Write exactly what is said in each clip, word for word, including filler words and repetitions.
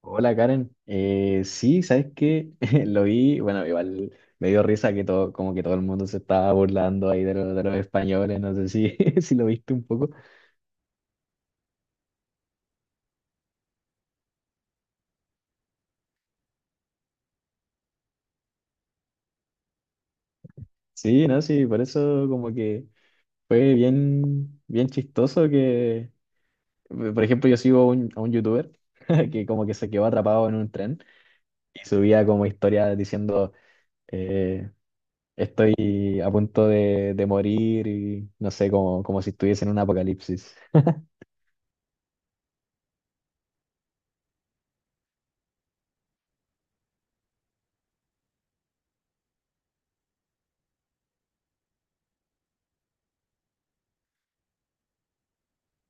Hola Karen, Eh, sí, ¿sabes qué? Lo vi, bueno, igual me dio risa que todo, como que todo el mundo se estaba burlando ahí de, lo- de los españoles, no sé si, si lo viste un poco. Sí, no, sí, por eso como que fue bien, bien chistoso que, eh, por ejemplo, yo sigo a un, a un youtuber que como que se quedó atrapado en un tren y subía como historia diciendo, eh, estoy a punto de, de morir y no sé, como, como si estuviese en un apocalipsis.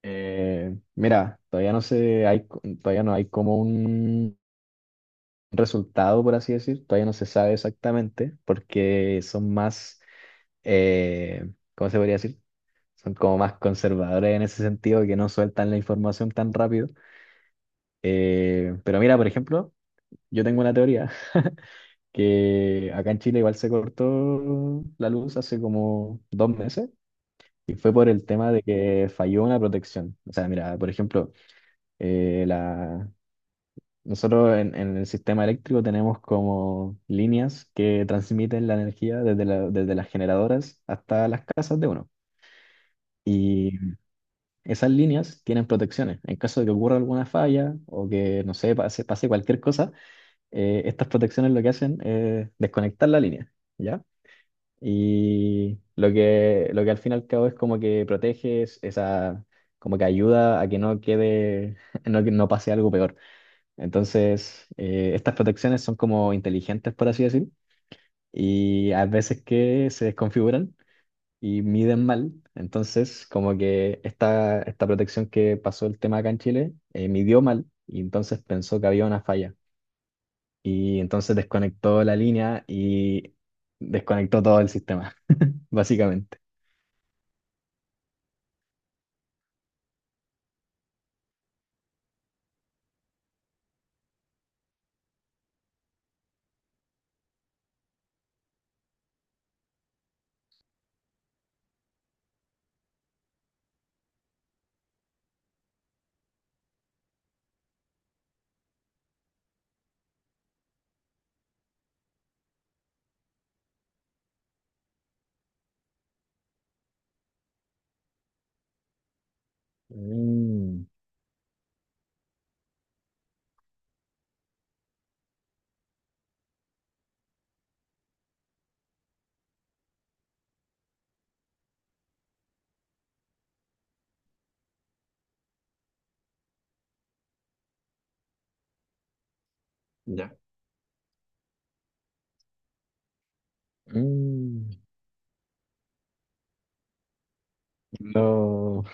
Eh, mira, todavía no se hay, co- todavía no hay como un resultado, por así decir, todavía no se sabe exactamente, porque son más, eh, ¿cómo se podría decir? Son como más conservadores en ese sentido, que no sueltan la información tan rápido. Eh, pero mira, por ejemplo, yo tengo una teoría. Que acá en Chile igual se cortó la luz hace como dos meses, y fue por el tema de que falló una protección. O sea, mira, por ejemplo, eh, la, nosotros en, en el sistema eléctrico tenemos como líneas que transmiten la energía desde la- desde las generadoras hasta las casas de uno. Y esas líneas tienen protecciones, en caso de que ocurra alguna falla o que, no sé, pase, pase cualquier cosa. Eh, estas protecciones lo que hacen es desconectar la línea, ¿ya? Y lo que, lo que al fin y al cabo es como que protege es- esa, como que ayuda a que no quede, no, que no pase algo peor. Entonces, eh, estas protecciones son como inteligentes, por así decir, y a veces que se desconfiguran y miden mal. Entonces, como que esta, esta protección que pasó el tema acá en Chile, eh, midió mal y entonces pensó que había una falla. Y entonces desconectó la línea y desconectó todo el sistema, básicamente. Mm, ya. Mm. No.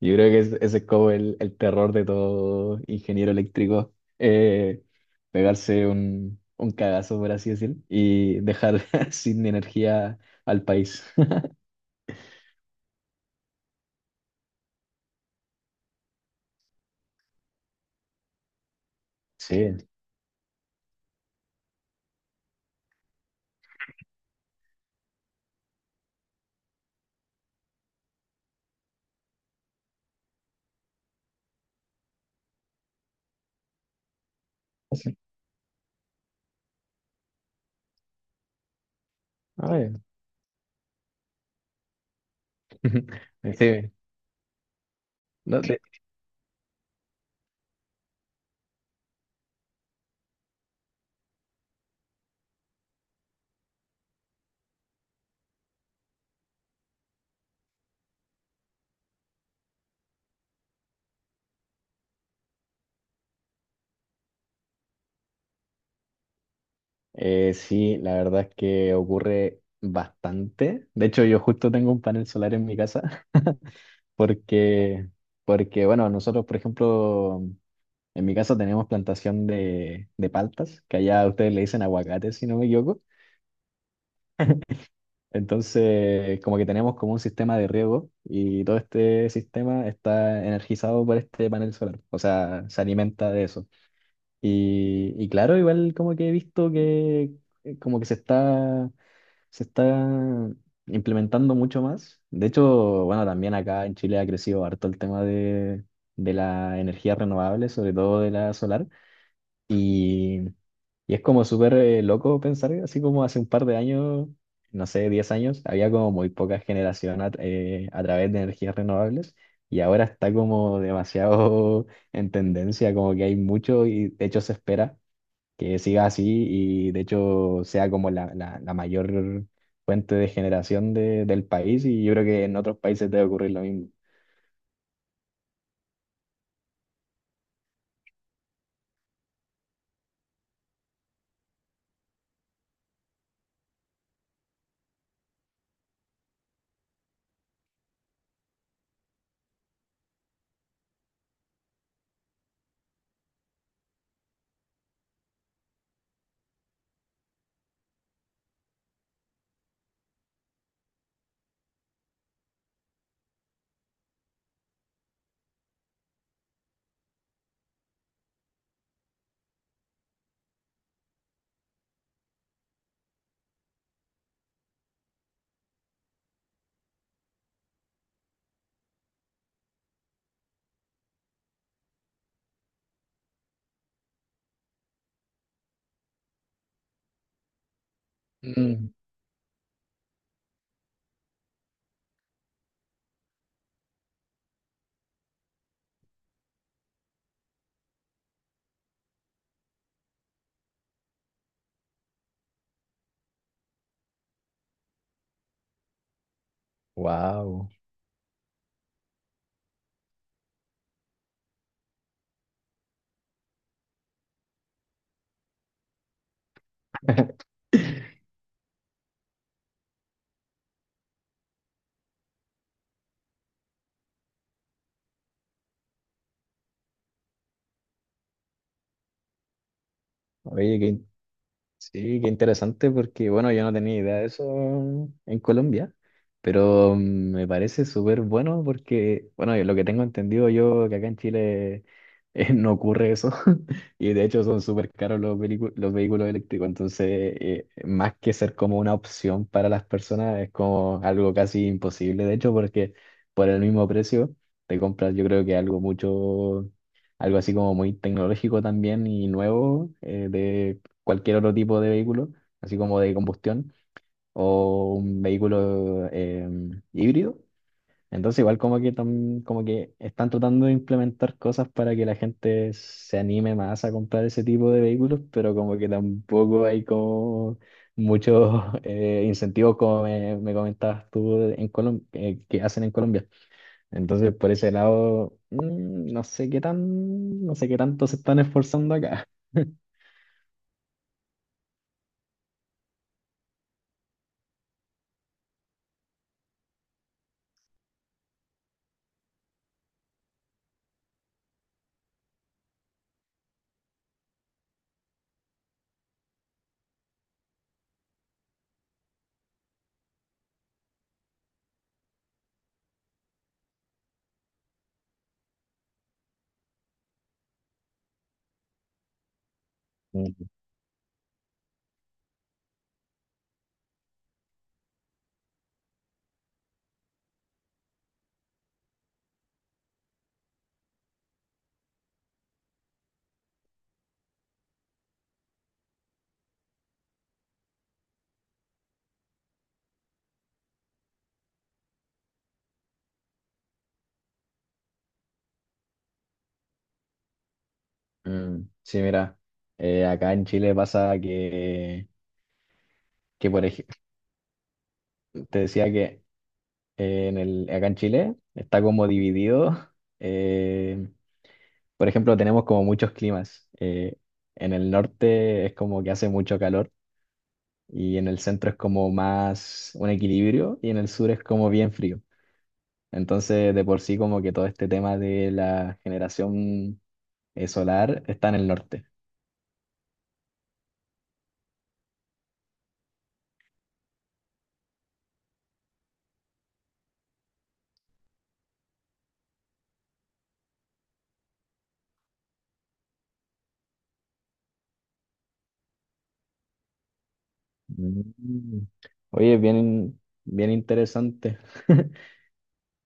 Yo creo que es- ese es como el, el terror de todo ingeniero eléctrico, eh, pegarse un, un cagazo, por así decir, y dejar sin energía al país. Sí. Ah, ya. Sí, no, de- eh, sí, la verdad es que ocurre bastante. De hecho, yo justo tengo un panel solar en mi casa. Porque, porque bueno, nosotros, por ejemplo, en mi casa tenemos plantación de, de paltas, que allá ustedes le dicen aguacates, si no me equivoco. Entonces, como que tenemos como un sistema de riego y todo este sistema está energizado por este panel solar, o sea, se alimenta de eso. Y, y claro, igual como que he visto que eh, como que se está, se está implementando mucho más. De hecho, bueno, también acá en Chile ha crecido harto el tema de, de la energía renovable, sobre todo de la solar. Y, y es como súper eh, loco pensar, así como hace un par de años, no sé, diez años, había como muy poca generación a, eh, a través de energías renovables, y ahora está como demasiado en tendencia, como que hay mucho, y de hecho se espera que siga así, y de hecho sea como la, la, la mayor fuente de generación de- del país, y yo creo que en otros países debe ocurrir lo mismo. Mm. Wow. Oye, qué sí, qué interesante porque, bueno, yo no tenía idea de eso en Colombia, pero mm, me parece súper bueno porque, bueno, lo que tengo entendido yo, que acá en Chile eh, no ocurre eso. Y de hecho son súper caros los, velicu- los vehículos eléctricos. Entonces eh, más que ser como una opción para las personas, es como algo casi imposible, de hecho, porque por el mismo precio te compras, yo creo que algo mucho, algo así como muy tecnológico también y nuevo, eh, de cualquier otro tipo de vehículo, así como de combustión o un vehículo eh, híbrido. Entonces igual como que, tam- como que están tratando de implementar cosas para que la gente se anime más a comprar ese tipo de vehículos, pero como que tampoco hay como muchos eh, incentivos como me, me comentabas tú de- en Colombia, que hacen en Colombia. Entonces por ese lado, mm, no sé qué tan, no sé qué tanto se están esforzando acá. Mm, sí, mira, eh, acá en Chile pasa que, que por ejemplo, te decía que eh, en el, acá en Chile está como dividido. eh, por ejemplo, tenemos como muchos climas. eh, en el norte es como que hace mucho calor, y en el centro es como más un equilibrio, y en el sur es como bien frío. Entonces, de por sí, como que todo este tema de la generación eh, solar está en el norte. Mm. Oye, bien, bien interesante.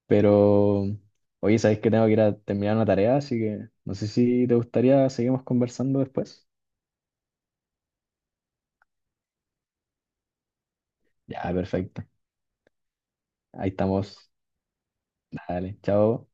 Pero, oye, sabéis que tengo que ir a terminar una tarea, así que no sé si te gustaría seguimos conversando después. Ya, perfecto. Ahí estamos. Dale, chao.